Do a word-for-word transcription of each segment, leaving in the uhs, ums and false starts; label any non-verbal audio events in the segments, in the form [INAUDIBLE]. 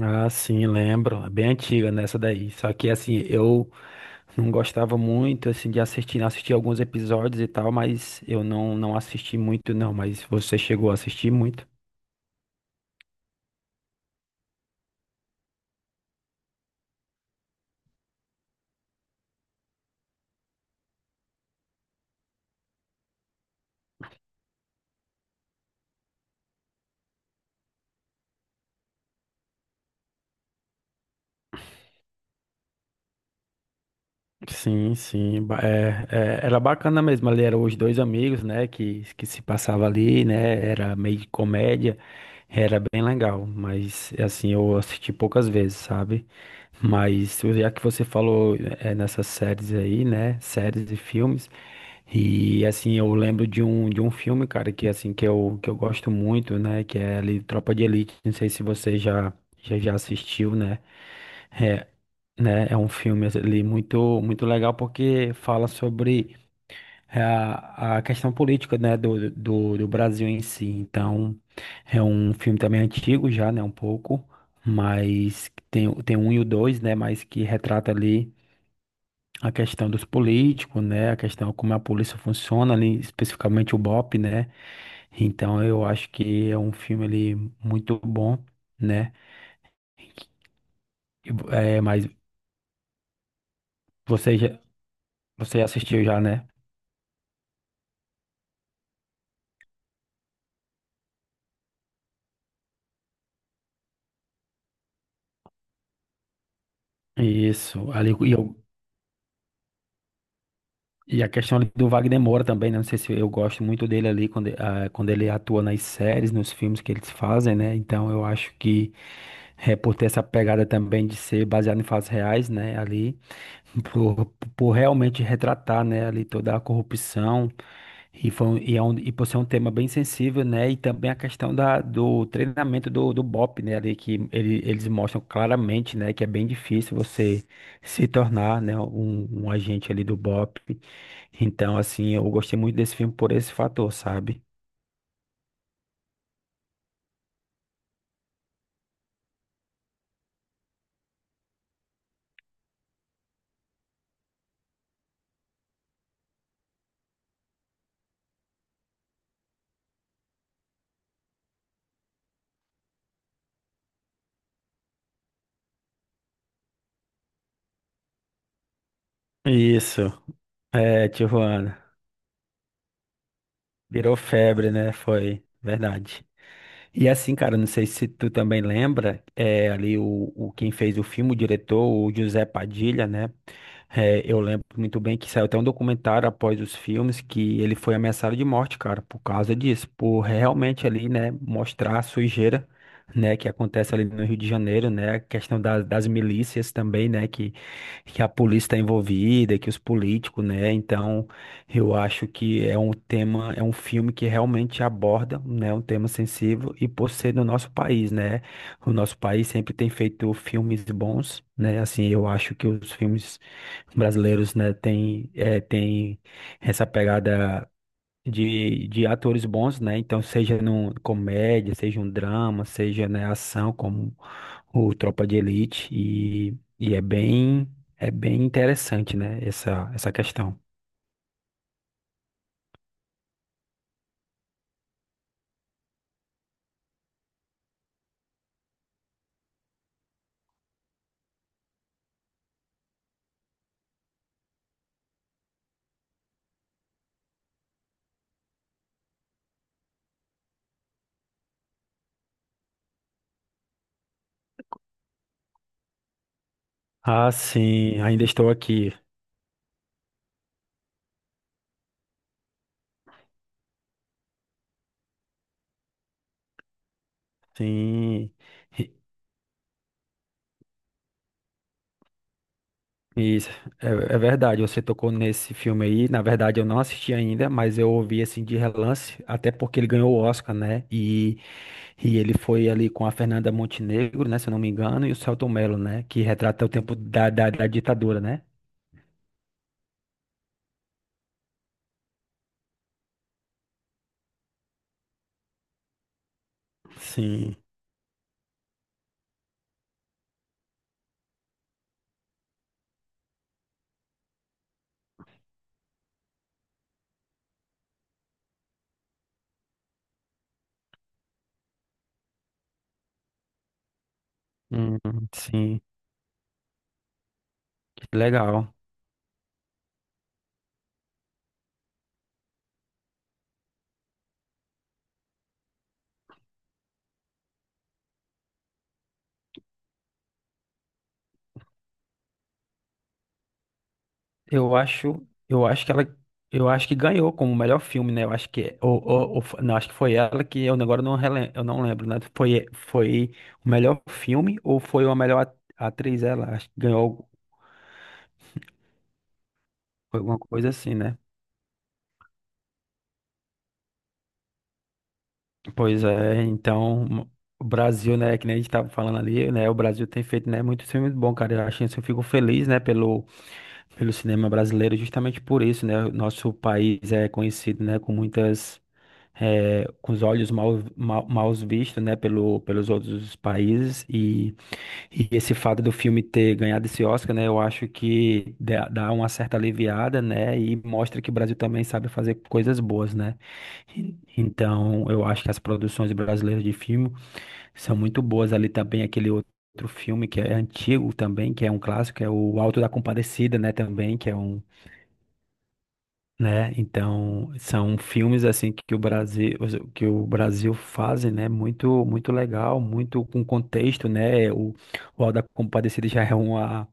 Ah, sim, lembro. É bem antiga nessa daí. Só que assim, eu não gostava muito assim de assistir, assisti alguns episódios e tal, mas eu não não assisti muito não, mas você chegou a assistir muito? Sim, sim, ba- é, é, era bacana mesmo, ali eram os dois amigos, né, que, que se passava ali, né, era meio de comédia, era bem legal, mas assim, eu assisti poucas vezes, sabe? Mas já que você falou é, nessas séries aí, né, séries e filmes, e assim, eu lembro de um, de um filme, cara, que assim, que eu, que eu gosto muito, né, que é ali Tropa de Elite, não sei se você já, já, já assistiu, né, é, né? É um filme ali muito, muito legal porque fala sobre a, a questão política, né, do, do, do Brasil em si. Então, é um filme também antigo já, né, um pouco, mas tem, o- tem um e o dois, né, mas que retrata ali a questão dos políticos, né, a questão como a polícia funciona ali, especificamente o B O P, né? Então, eu acho que é um filme ali muito bom, né? É, mas você já, você assistiu já, né? Isso, ali, e, eu- e a questão ali do Wagner Moura também, né? Não sei se eu gosto muito dele ali quando, e- ah, quando ele atua nas séries, nos filmes que eles fazem, né? Então eu acho que é, por ter essa pegada também de ser baseado em fatos reais, né? Ali, por, por realmente retratar, né? Ali toda a corrupção. E, foi, um- e, é um, e por ser um tema bem sensível, né? E também a questão da, do treinamento do, do B O P, né? Ali que ele, eles mostram claramente, né? Que é bem difícil você se tornar, né? Um, um agente ali do B O P. Então, assim, eu gostei muito desse filme por esse fator, sabe? Isso. É, Tijuana. Virou febre, né? Foi. Verdade. E assim, cara, não sei se tu também lembra, é, ali o, o quem fez o filme, o diretor, o José Padilha, né? É, eu lembro muito bem que saiu até um documentário após os filmes que ele foi ameaçado de morte, cara, por causa disso, por realmente ali, né, mostrar a sujeira, né, que acontece ali no Rio de Janeiro, né, a questão das, das milícias também, né, que, que a polícia está envolvida, que os políticos, né, então eu acho que é um tema, é um filme que realmente aborda, né, um tema sensível e por ser no nosso país, né? O nosso país sempre tem feito filmes bons, né? Assim, eu acho que os filmes brasileiros, né, tem, é, tem essa pegada de, de atores bons, né? Então, seja num comédia, seja um drama, seja, né, ação, como o Tropa de Elite e, e é bem, é bem interessante, né, essa, essa questão. Ah, sim, ainda estou aqui. Sim, E- isso é, é verdade. Você tocou nesse filme aí. Na verdade, eu não assisti ainda, mas eu ouvi assim de relance, até porque ele ganhou o Oscar, né? E, e ele foi ali com a Fernanda Montenegro, né? Se eu não me engano, e o Selton Mello, né? Que retrata o tempo da, da, da ditadura, né? Sim, Hum, sim, que legal. Eu acho, eu acho que ela, eu acho que ganhou como melhor filme, né? Eu acho que, ou, ou, ou fo- não, acho que foi ela que eu agora não rele- eu não lembro, né? Foi, foi o melhor filme ou foi a melhor at- atriz? Ela acho que ganhou alguma coisa assim, né? Pois é, então o Brasil, né? Que nem a gente tava falando ali, né? O Brasil tem feito, né? Muitos filmes bons, cara. Eu acho isso, eu fico feliz, né? Pelo pelo cinema brasileiro, justamente por isso, né? O nosso país é conhecido, né? Com muitas eh, com os olhos mal, mal, maus vistos, né, pelo, pelos outros países e, e esse fato do filme ter ganhado esse Oscar, né, eu acho que dá dá uma certa aliviada, né, e mostra que o Brasil também sabe fazer coisas boas, né. E- Então, eu acho que as produções brasileiras de filme são muito boas. Ali também aquele outro outro filme que é antigo também, que é um clássico, que é o Alto da Compadecida, né, também, que é um né? Então, são filmes assim que o Brasil que o Brasil fazem, né? Muito muito legal, muito com contexto, né? O, o Auto da Compadecida já é uma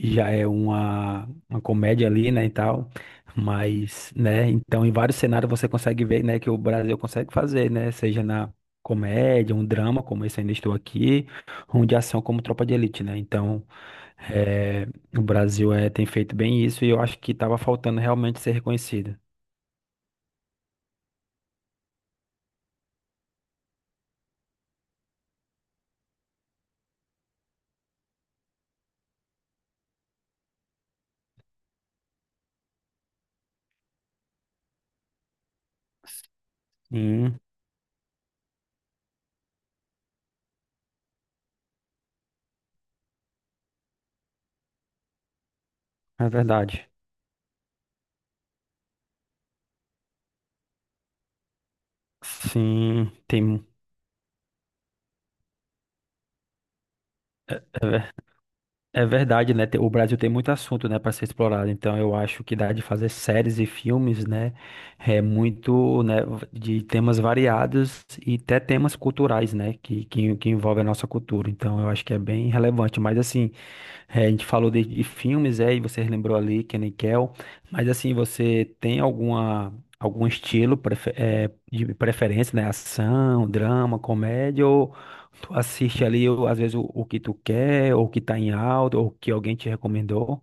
já é uma, uma comédia ali, né, e tal. Mas, né, então em vários cenários você consegue ver, né, que o Brasil consegue fazer, né, seja na comédia, um drama, como esse Ainda Estou Aqui, um de ação como Tropa de Elite, né? Então, é, o Brasil é, tem feito bem isso e eu acho que estava faltando realmente ser reconhecido. Sim, é verdade. Sim, tem. É verdade, né? O Brasil tem muito assunto, né, para ser explorado. Então, eu acho que dá de fazer séries e filmes, né? É muito, né, de temas variados e até temas culturais, né, que, que, que envolvem a nossa cultura. Então, eu acho que é bem relevante. Mas, assim, é, a gente falou de, de filmes, é, e você lembrou ali que Nickel. Mas, assim, você tem alguma, algum estilo prefe- é, de preferência, né? Ação, drama, comédia? Tu assiste ali, o- às vezes, o, o que tu quer, ou o que tá em alta, ou o que alguém te recomendou.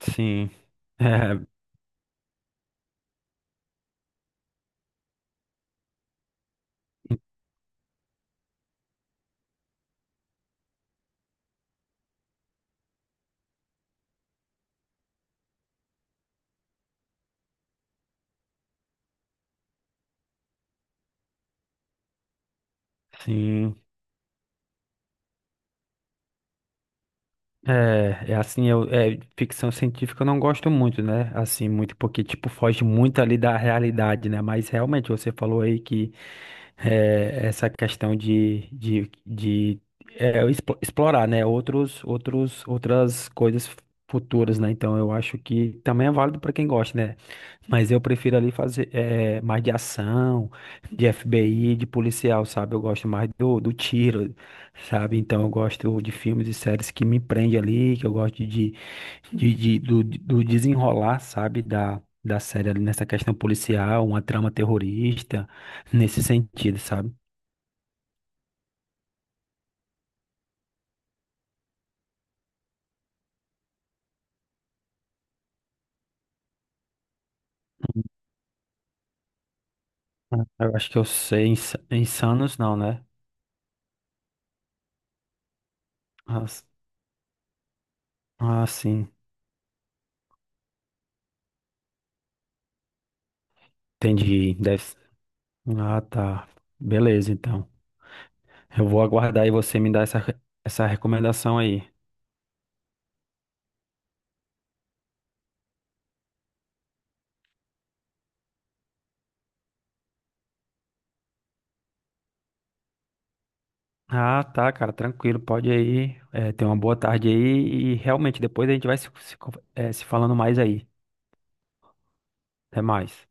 Sim. [LAUGHS] É, sim. É, é assim, eu, é, ficção científica eu não gosto muito, né? Assim, muito, porque, tipo, foge muito ali da realidade, né? Mas realmente, você falou aí que, é, essa questão de, de, de é, expo- explorar, né, outros, outros, outras coisas futuras, né? Então eu acho que também é válido para quem gosta, né? Mas eu prefiro ali fazer é, mais de ação, de F B I, de policial, sabe? Eu gosto mais do, do tiro, sabe? Então eu gosto de filmes e séries que me prende ali, que eu gosto de, de, de- do, do desenrolar, sabe, da, da série ali nessa questão policial, uma trama terrorista, nesse sentido, sabe? Ah, eu acho que eu sei, Ins- Insanos não, né? Ah, s- ah, sim, entendi. Deve. s- Ah, tá. Beleza, então. Eu vou aguardar e você me dar essa, re- essa recomendação aí. Ah, tá, cara, tranquilo, pode ir aí. É, tenha uma boa tarde aí e realmente depois a gente vai se, se, con- eh, se falando mais aí. Até mais.